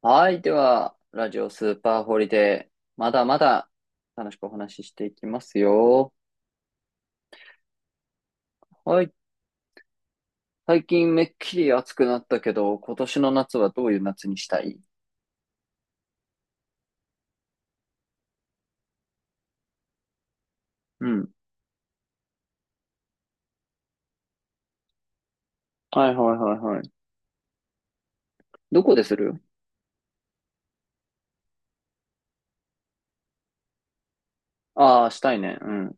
はい。では、ラジオスーパーホリデー。まだまだ楽しくお話ししていきますよ。はい。最近めっきり暑くなったけど、今年の夏はどういう夏にしたい？うん。はいはいはいはい。どこでする？ああー、したいね。うん。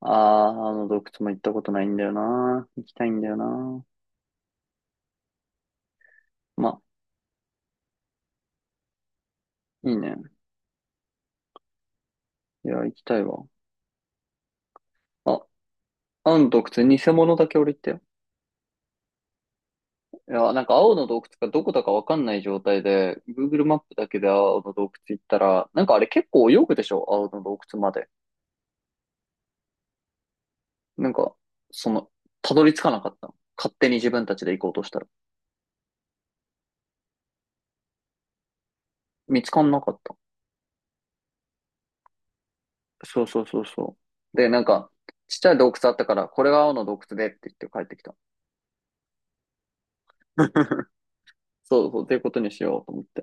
ああ、あの洞窟も行ったことないんだよな。行きたいんだよな。ま、いいね。いや、行きたいわ。あ、あの洞窟、偽物だけ俺行ったよ。いや、なんか青の洞窟がどこだかわかんない状態で、Google マップだけで青の洞窟行ったら、なんかあれ結構泳ぐでしょ青の洞窟まで。なんか、その、たどり着かなかった。勝手に自分たちで行こうとしたら。見つかんなかった。そうそうそうそう。で、なんか、ちっちゃい洞窟あったから、これが青の洞窟でって言って帰ってきた。そうそう、ということにしようと思って。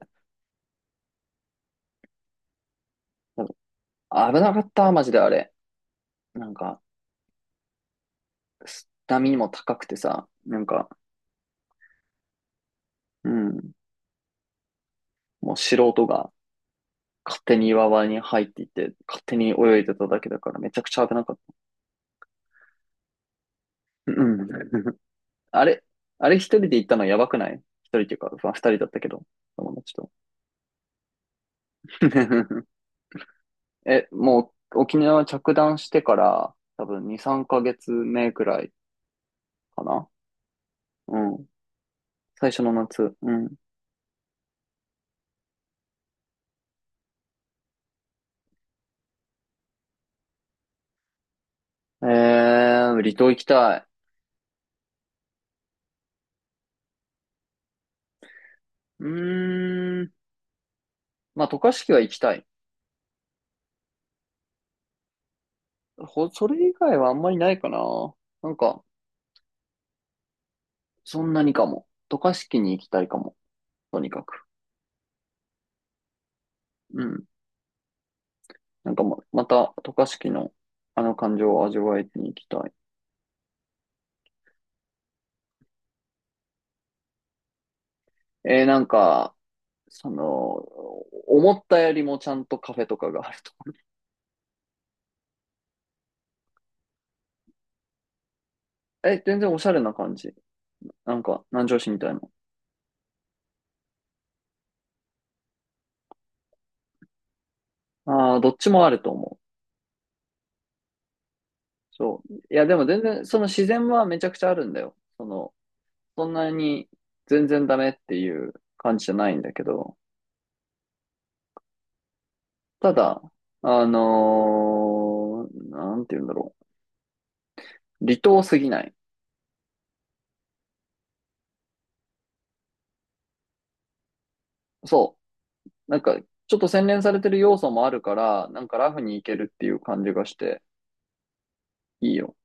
危なかった、マジであれ。なんか、波も高くてさ、なんか、うん、もう素人が勝手に岩場に入っていって、勝手に泳いでただけだから、めちゃくちゃ危なかった。うん。あれ、あれ一人で行ったのやばくない？一人っていうか、まあ、二人だったけど、友達と。え、もう沖縄着弾してから、多分2、3ヶ月目くらいかな。うん。最初の夏。うん。離島行きたい。うーん。まあ、渡嘉敷は行きたい。それ以外はあんまりないかな。なんか、そんなにかも。渡嘉敷に行きたいかも。とにかく。うん。なんかまた、渡嘉敷のあの感情を味わいに行きたい。なんか、その、思ったよりもちゃんとカフェとかがあると。え、全然おしゃれな感じ。なんか、南城市みたいな。ああ、どっちもあると思う。そう。いや、でも全然、その自然はめちゃくちゃあるんだよ。そんなに全然ダメっていう感じじゃないんだけど、ただ、なんて言うんだろう。離島すぎない。そう。なんか、ちょっと洗練されてる要素もあるから、なんかラフにいけるっていう感じがして、いいよ。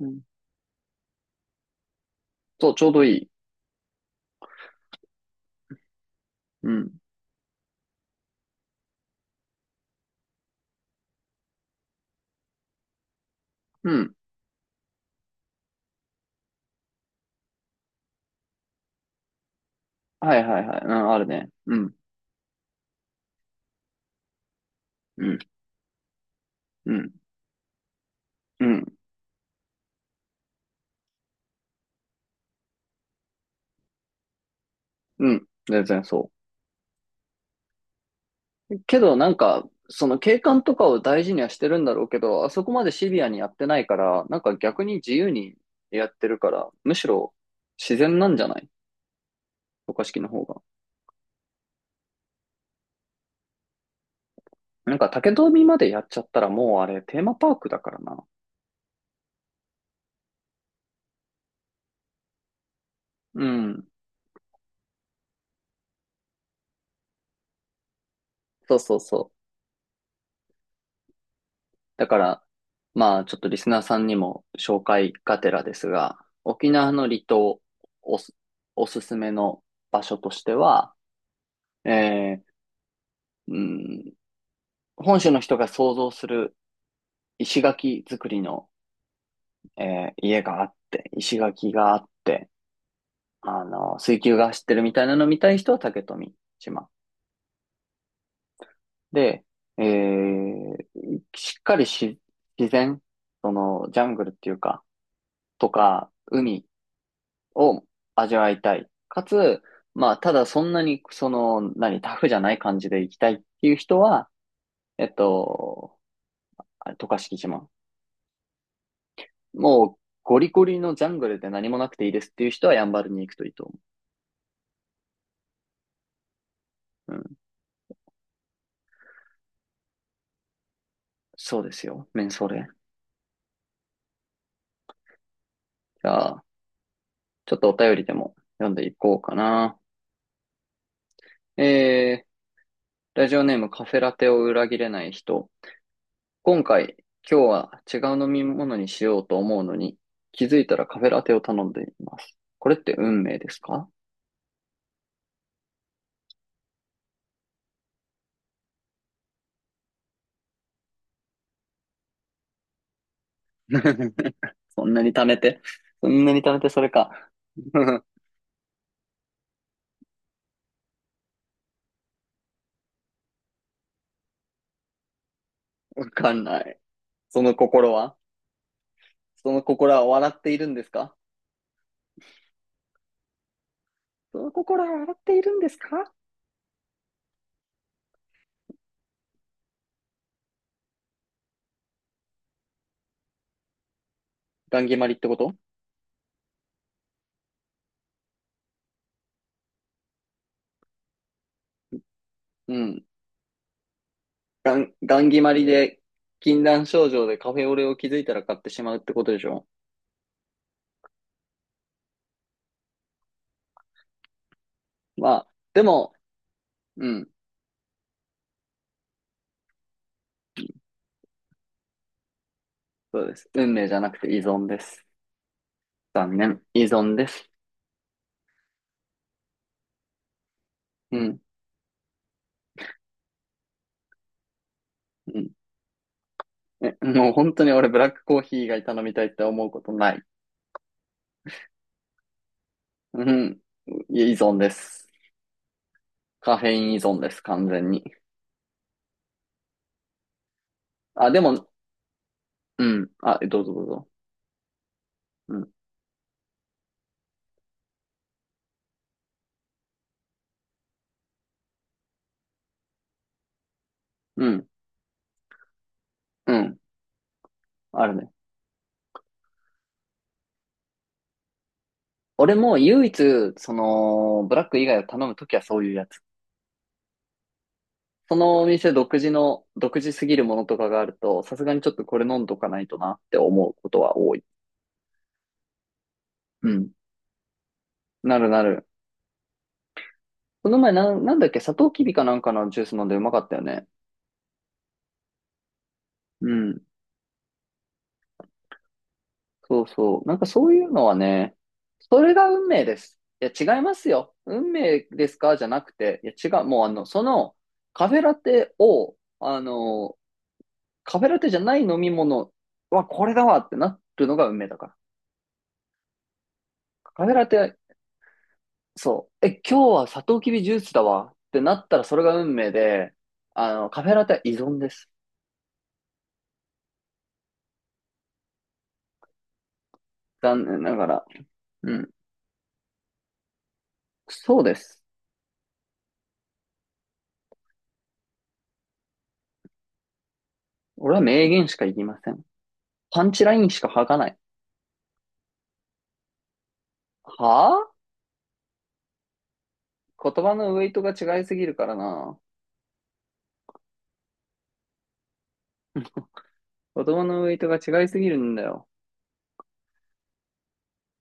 うん。そう、ちょうどいい。うん。うん。はいはいはい。うん、あるね。うん。うん。うん。うん。うん。全然そう。けど、なんか、その景観とかを大事にはしてるんだろうけど、あそこまでシビアにやってないから、なんか逆に自由にやってるから、むしろ自然なんじゃない？渡嘉敷の方が。なんか竹富までやっちゃったらもうあれテーマパークだからな。うん。そうそうそう。だから、まあ、ちょっとリスナーさんにも紹介がてらですが、沖縄の離島おす、おすすめの場所としては、えーうん、本州の人が想像する石垣作りの、え家があって、石垣があって、あの、水球が走ってるみたいなの見たい人は竹富島。で、えーしっかりし、自然、その、ジャングルっていうか、とか、海、を味わいたい。かつ、まあ、ただそんなに、その、何、タフじゃない感じで行きたいっていう人は、えっと、あれ渡嘉敷島。もう、ゴリゴリのジャングルで何もなくていいですっていう人はやんばるに行くといいと思う。うん。そうですよ。メンソーレ。じゃあ、ちょっとお便りでも読んでいこうかな。えラジオネームカフェラテを裏切れない人。今回、今日は違う飲み物にしようと思うのに、気づいたらカフェラテを頼んでいます。これって運命ですか？ そんなに貯めて、そんなに貯めてそれか。わかんない。その心はその心は笑っているんですか？その心は笑っているんですか？ガンギマリってこと？うん。ガンギマリで、禁断症状でカフェオレを気づいたら買ってしまうってことでしょ？まあ、でも、うん、そうです。運命じゃなくて依存です。残念。依存です。うん。うん。え、もう本当に俺ブラックコーヒー以外頼みたいって思うことない。うん。いや依存です。カフェイン依存です、完全に。あ、でも、うん。あ、どうぞどうぞ。うん。うん。うん。あるね。俺も唯一、その、ブラック以外を頼むときはそういうやつ。そのお店独自の、独自すぎるものとかがあると、さすがにちょっとこれ飲んどかないとなって思うことは多い。うん。なるなる。この前なんだっけ、サトウキビかなんかのジュース飲んでうまかったよね。うん。そうそう。なんかそういうのはね、それが運命です。いや、違いますよ。運命ですかじゃなくて、いや、違う。もうあの、その、カフェラテを、あの、カフェラテじゃない飲み物はこれだわってなるのが運命だから。カフェラテ、そう。え、今日はサトウキビジュースだわってなったらそれが運命で、あの、カフェラテは依存です。残念ながら。うん。そうです。俺は名言しか言いません。パンチラインしか吐かない。はぁ言葉のウェイトが違いすぎるからな。言葉のウェイトが違いすぎるんだよ。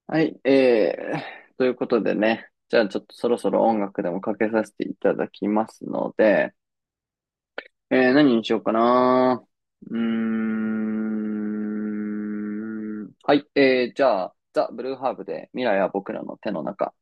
はい、ということでね。じゃあちょっとそろそろ音楽でもかけさせていただきますので、何にしようかな。うーん。はい、じゃあ、ザ・ブルーハーブで未来は僕らの手の中。